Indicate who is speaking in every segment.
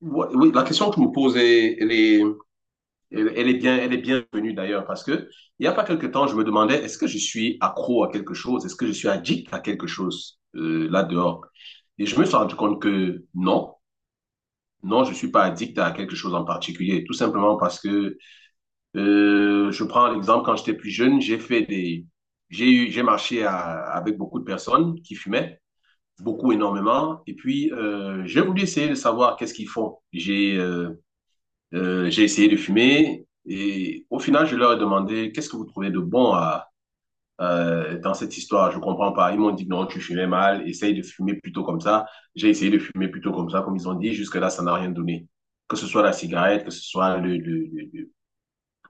Speaker 1: Ouais, oui, la question que je me pose, est, elle, elle est bien, elle est bienvenue d'ailleurs, parce que il y a pas quelque temps, je me demandais, est-ce que je suis accro à quelque chose? Est-ce que je suis addict à quelque chose là dehors? Et je me suis rendu compte que non, non, je suis pas addict à quelque chose en particulier, tout simplement parce que je prends l'exemple quand j'étais plus jeune, j'ai fait des, j'ai eu, j'ai marché à- avec beaucoup de personnes qui fumaient, beaucoup énormément, et puis j'ai voulu essayer de savoir qu'est-ce qu'ils font. J'ai essayé de fumer et au final, je leur ai demandé qu'est-ce que vous trouvez de bon dans cette histoire? Je comprends pas. Ils m'ont dit non, tu fumais mal, essaye de fumer plutôt comme ça. J'ai essayé de fumer plutôt comme ça, comme ils ont dit. Jusque-là, ça n'a rien donné. Que ce soit la cigarette, que ce soit le, le, le, le-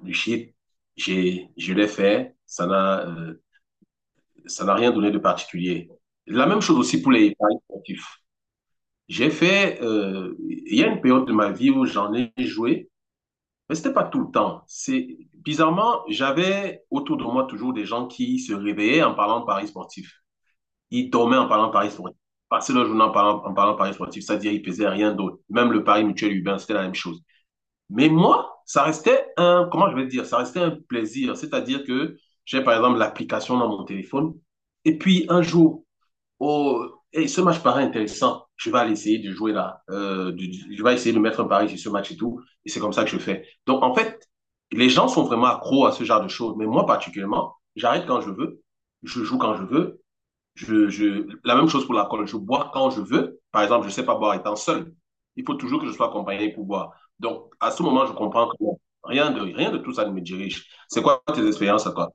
Speaker 1: le shit, je l'ai fait. Ça n'a rien donné de particulier. La même chose aussi pour les paris sportifs. Il y a une période de ma vie où j'en ai joué. Mais c'était pas tout le temps. C'est bizarrement, j'avais autour de moi toujours des gens qui se réveillaient en parlant de paris sportifs. Ils dormaient en parlant de paris sportifs. Passaient leur journée en parlant, de paris sportifs, c'est-à-dire ils pesaient rien d'autre. Même le pari mutuel urbain, c'était la même chose. Mais moi, ça restait un, comment je vais dire, ça restait un plaisir. C'est-à-dire que j'ai par exemple l'application dans mon téléphone. Et puis un jour, oh, et ce match paraît intéressant. Je vais aller essayer de jouer là. Je vais essayer de mettre un pari sur ce match et tout. Et c'est comme ça que je fais. Donc, en fait, les gens sont vraiment accros à ce genre de choses. Mais moi, particulièrement, j'arrête quand je veux. Je joue quand je veux. La même chose pour l'alcool. Je bois quand je veux. Par exemple, je ne sais pas boire étant seul. Il faut toujours que je sois accompagné pour boire. Donc, à ce moment, je comprends que bon, rien de tout ça ne me dirige. C'est quoi tes expériences à toi?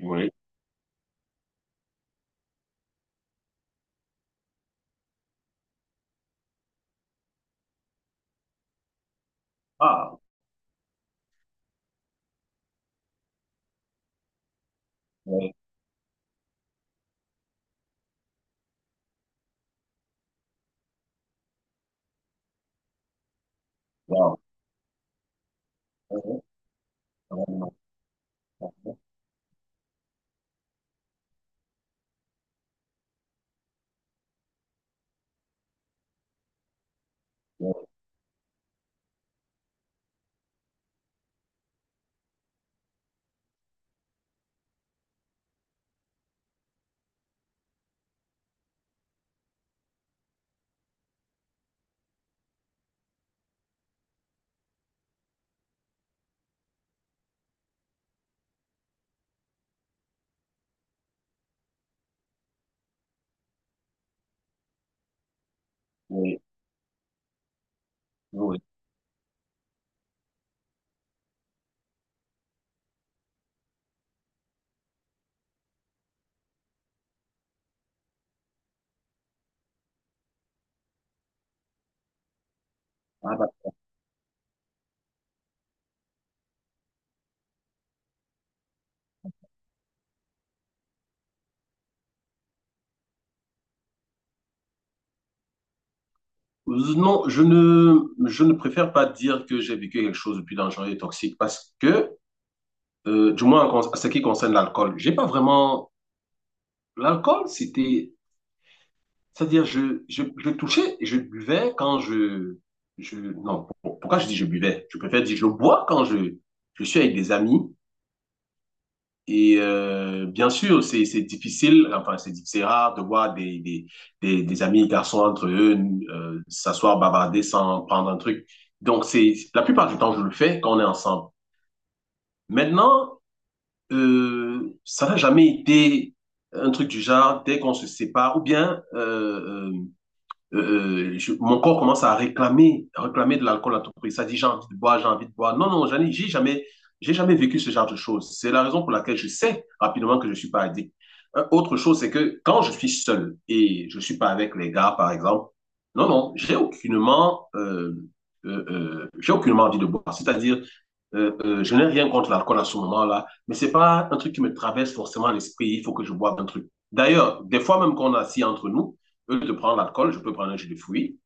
Speaker 1: Oui. Ah, oui. Wow. Ouais, ouais, ouais, ouais, ouais. Oui, oui, oui. Ah bah, non, je ne préfère pas dire que j'ai vécu quelque chose de plus dangereux et toxique parce que, du moins en ce qui concerne l'alcool, j'ai pas vraiment. L'alcool, c'était. C'est-à-dire, je touchais et je buvais quand je. Non, pourquoi je dis je buvais? Je préfère dire je bois quand je suis avec des amis. Et bien sûr, c'est difficile, enfin c'est rare de voir des amis garçons entre eux s'asseoir bavarder sans prendre un truc. Donc c'est la plupart du temps je le fais quand on est ensemble. Maintenant, ça n'a jamais été un truc du genre dès qu'on se sépare ou bien mon corps commence à réclamer, de l'alcool à tout prix. Ça dit, j'ai envie de boire, j'ai envie de boire. Non, non, j'ai jamais vécu ce genre de choses. C'est la raison pour laquelle je sais rapidement que je suis pas addict. Autre chose, c'est que quand je suis seul et je suis pas avec les gars, par exemple, non, non, j'ai aucunement envie de boire. C'est-à-dire, je n'ai rien contre l'alcool à ce moment-là, mais c'est pas un truc qui me traverse forcément l'esprit. Il faut que je boive un truc. D'ailleurs, des fois même qu'on est assis entre nous, au lieu de prendre l'alcool, je peux prendre un jus de fruits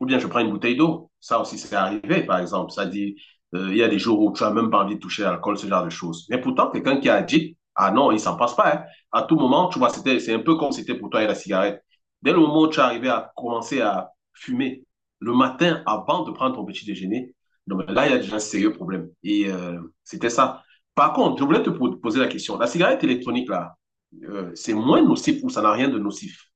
Speaker 1: ou bien je prends une bouteille d'eau. Ça aussi, c'est arrivé, par exemple. Ça dit, il y a des jours où tu n'as même pas envie de toucher à l'alcool, ce genre de choses. Mais pourtant, quelqu'un qui a dit, ah non, il ne s'en passe pas. Hein. À tout moment, tu vois, c'était, c'est un peu comme c'était pour toi et la cigarette. Dès le moment où tu es arrivé à commencer à fumer le matin avant de prendre ton petit déjeuner, donc là, il y a déjà un sérieux problème. Et c'était ça. Par contre, je voulais te poser la question. La cigarette électronique, là, c'est moins nocif ou ça n'a rien de nocif?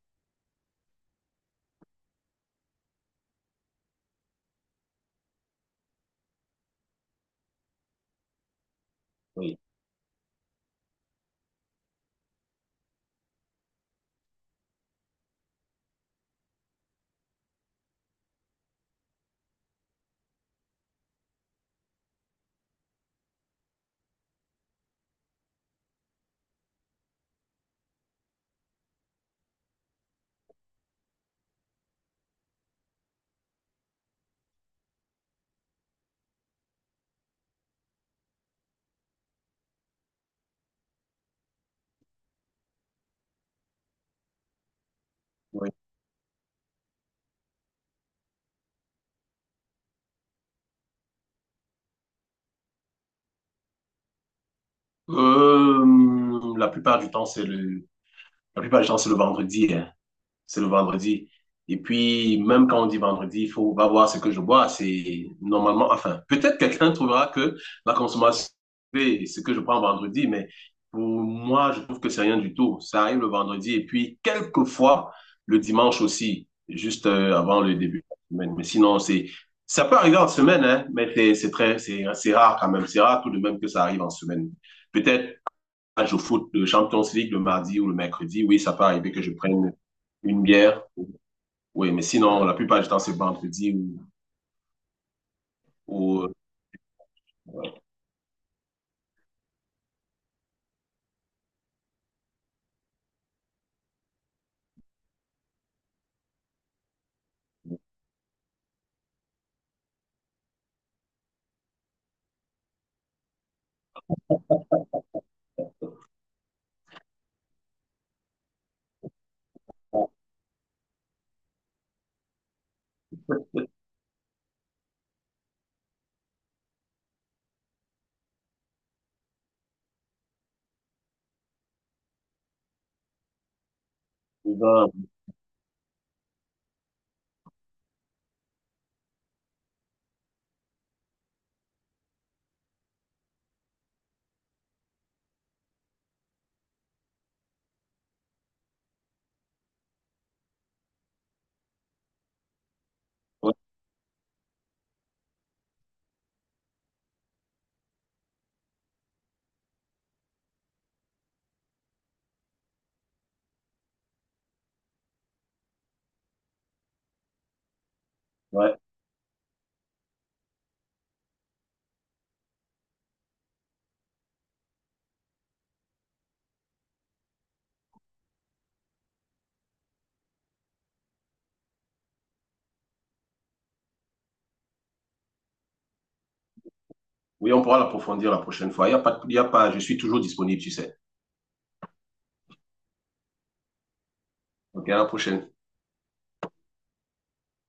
Speaker 1: Oui. Euh, la plupart du temps, c'est le, la plupart du temps, c'est le vendredi, hein. C'est le vendredi. Et puis, même quand on dit vendredi, il faut va voir ce que je bois. C'est normalement, enfin, peut-être quelqu'un trouvera que la consommation, c'est ce que je prends vendredi, mais pour moi, je trouve que c'est rien du tout. Ça arrive le vendredi et puis quelquefois le dimanche aussi, juste avant le début de la semaine. Mais sinon, ça peut arriver en semaine, hein, mais c'est rare quand même. C'est rare tout de même que ça arrive en semaine. Peut-être match au foot de Champions League le mardi ou le mercredi, oui, ça peut arriver que je prenne une bière. Oui, mais sinon, la plupart du temps, c'est vendredi ou, euh, ou ben, ouais, ouais. Oui, on pourra l'approfondir la prochaine fois. Il y a pas, je suis toujours disponible, tu sais. OK, à la prochaine.